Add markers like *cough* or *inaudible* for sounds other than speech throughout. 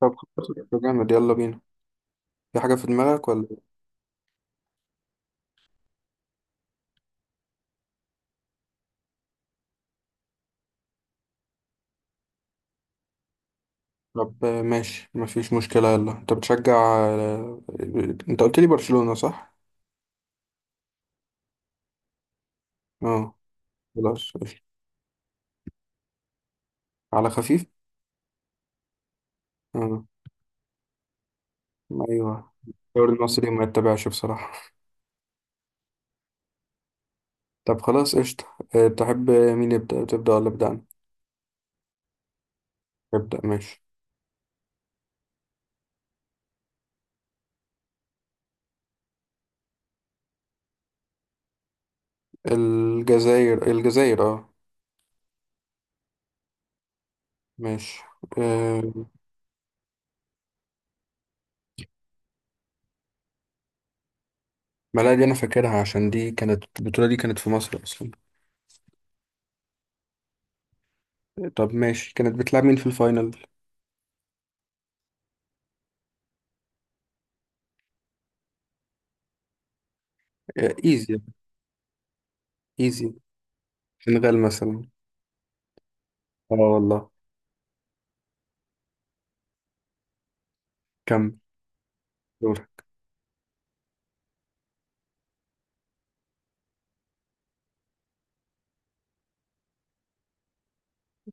طب خلاص، ده جامد يلا بينا. في حاجة في دماغك ولا؟ طب ماشي مفيش مشكلة. يلا انت بتشجع آه، انت قلت لي برشلونة صح؟ اه خلاص قشطة. على خفيف؟ اه ايوه. الدوري المصري ما يتبعش بصراحة. طب خلاص قشطة. تحب مين يبدأ، تبدأ ولا أبدأ أنا؟ ابدأ ماشي. الجزائر الجزائر اه. ماشي آه، ما لا دي أنا فاكرها عشان دي كانت البطولة، دي كانت في مصر أصلا. طب ماشي، كانت بتلعب مين في الفاينل؟ ايزي. ايزي. سنغال مثلا. اه والله. كم. دور.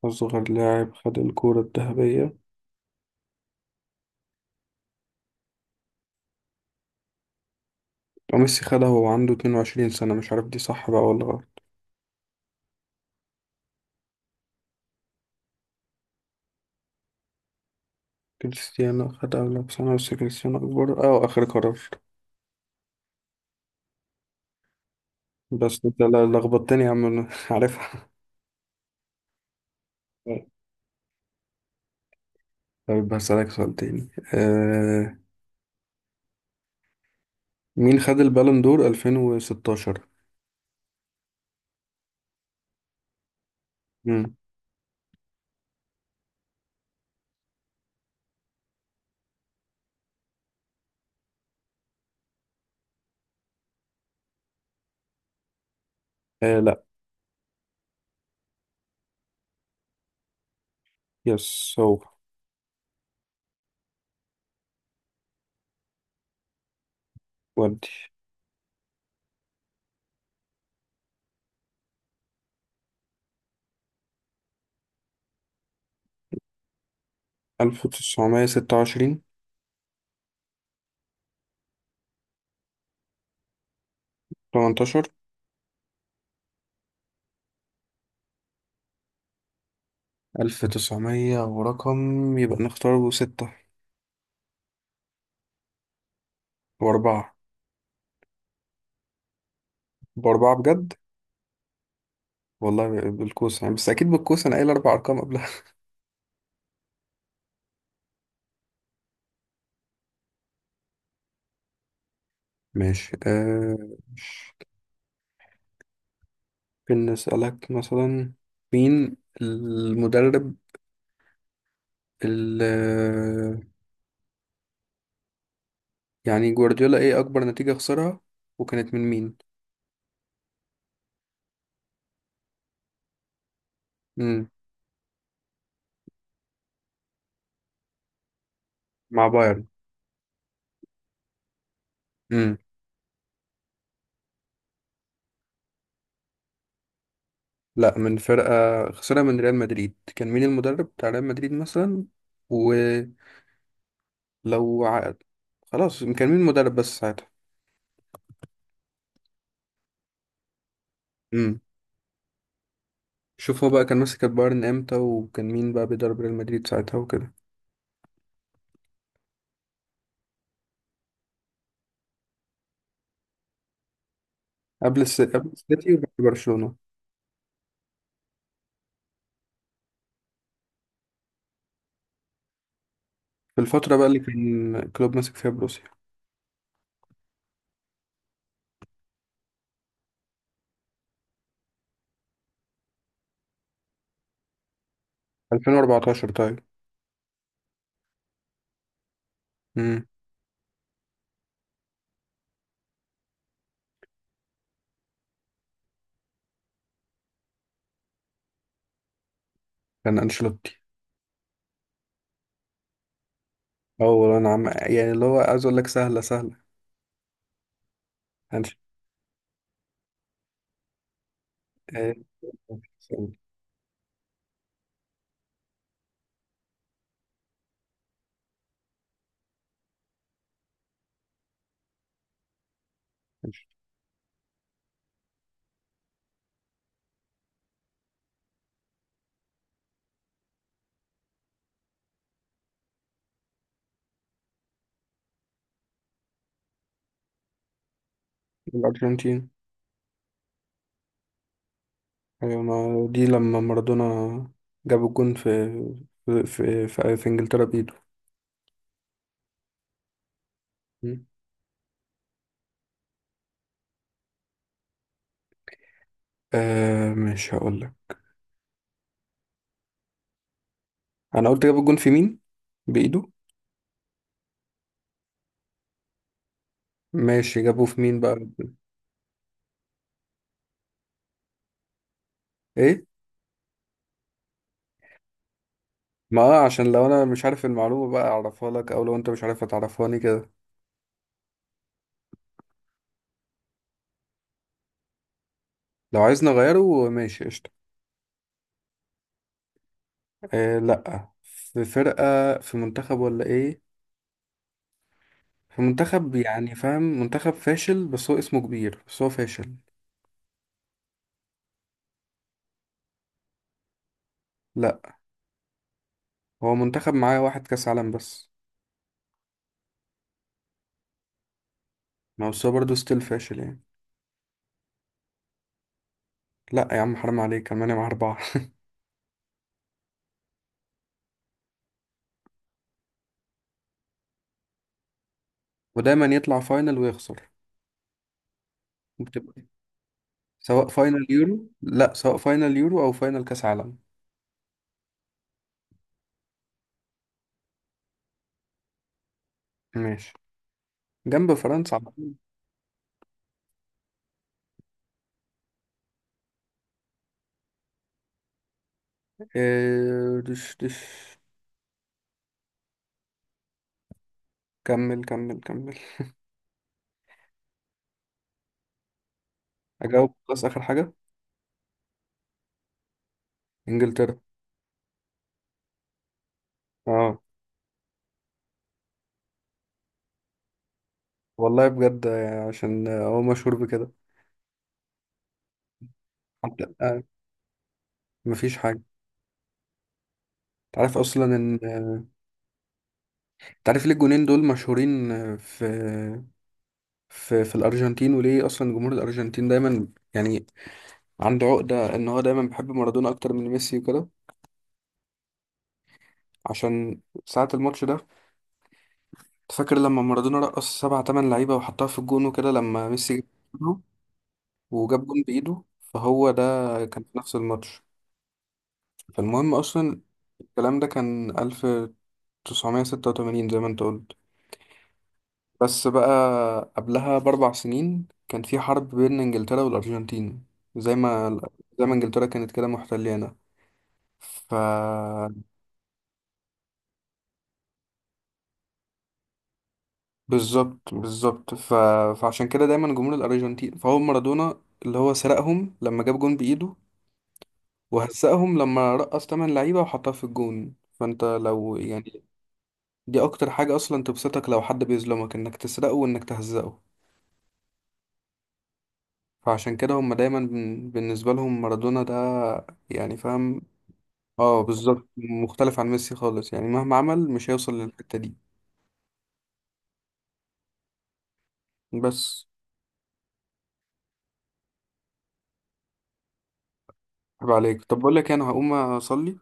أصغر لاعب خد الكرة الذهبية. وميسي خدها وهو عنده 22 سنة، مش عارف دي صح بقى ولا غلط. كريستيانو خدها ولا بسنة، بس كريستيانو أكبر. اه آخر قرار. بس أنت لخبطتني يا عم أنا. *laughs* عارفها. طيب هسألك سؤال تاني. آه، مين خد البالون دور 2016؟ مم. آه لا. يس هو. ودي. 1926. 18. 1900 ورقم، يبقى نختاره ستة وأربعة. بأربعة بجد. والله بالكوسة يعني، بس أكيد بالكوسة، أنا قايل أربع أرقام قبلها. *laughs* ماشي آه. مش- ممكن نسألك مثلا. مين المدرب اللي يعني جوارديولا إيه أكبر نتيجة خسرها، وكانت من مين؟ مم. مع بايرن. مم. لا، من فرقة. خسرها من ريال مدريد. كان مين المدرب بتاع ريال مدريد مثلا؟ ولو عقد خلاص، كان مين المدرب بس ساعتها؟ مم. شوف، هو بقى كان ماسك البايرن امتى، وكان مين بقى بيدرب ريال مدريد ساعتها وكده. قبل السيتي وبعد برشلونة. في الفترة بقى اللي كان كلوب ماسك فيها بروسيا. 2014 طيب. امم. كان انشيلوتي. اه والله انا عم يعني اللي هو عايز اقول لك سهلة سهلة. أنش... آه، أنش- الارجنتين. ايوه، ما دي لما مارادونا جاب الجون في انجلترا بايده. مم. آه مش هقول لك. انا قلت جاب الجون في مين بايده. ماشي، جابوه في مين بقى؟ ايه، ما عشان لو انا مش عارف المعلومة بقى اعرفها لك، او لو انت مش عارفها تعرفهاني كده. لو عايز نغيره ماشي قشطة. إيه لا، في فرقة. في منتخب، ولا ايه؟ في منتخب، يعني فاهم، منتخب فاشل بس هو اسمه كبير، بس هو فاشل. لا، هو منتخب معاه واحد كاس عالم بس. ما هو بس هو برضه ستيل فاشل يعني. لا يا عم حرام عليك، المانيا معاه 4. *laughs* ودايما يطلع فاينل ويخسر. بتبقى. سواء فاينل يورو، لا، سواء فاينل يورو او فاينل كاس عالم. ماشي، جنب فرنسا. إيه دش دش. كمل كمل كمل. أجاوب خلاص آخر حاجة. إنجلترا. اه والله بجد. عشان هو مشهور بكده. حتى مفيش حاجة. تعرف أصلا إن تعرف ليه الجونين دول مشهورين في الأرجنتين، وليه أصلا جمهور الأرجنتين دايما يعني عنده عقدة إن هو دايما بيحب مارادونا أكتر من ميسي وكده. عشان ساعة الماتش ده، فاكر لما مارادونا رقص سبعة تمن لعيبة وحطها في الجون وكده، لما ميسي جاب، وجاب جون بإيده. فهو ده كان في نفس الماتش. فالمهم أصلا، الكلام ده كان 1986، زي ما أنت قلت. بس بقى، قبلها بـ4 سنين كان في حرب بين إنجلترا والأرجنتين. زي ما زي ما إنجلترا كانت كده محتليانا. ف بالظبط بالظبط. فعشان كده دايما جمهور الأرجنتين، فهو مارادونا اللي هو سرقهم لما جاب جون بإيده، وهزقهم لما رقص تمن لعيبة وحطها في الجون. فانت لو يعني، دي اكتر حاجة اصلا تبسطك، لو حد بيظلمك انك تسرقه وانك تهزقه. فعشان كده هم دايما بالنسبة لهم مارادونا ده يعني، فاهم؟ اه بالظبط، مختلف عن ميسي خالص يعني، مهما عمل مش هيوصل للحتة دي. بس. عيب عليك، طب بقول لك إيه، انا هقوم اصلي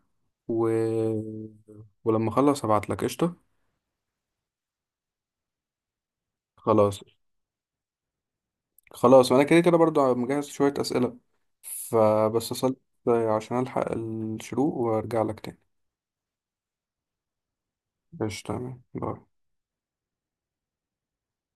و... ولما اخلص هبعت لك قشطة. خلاص. خلاص انا كده كده برضو مجهز شوية اسئلة، فبس اصلي عشان الحق الشروق وارجع لك تاني. قشطة تمام باي.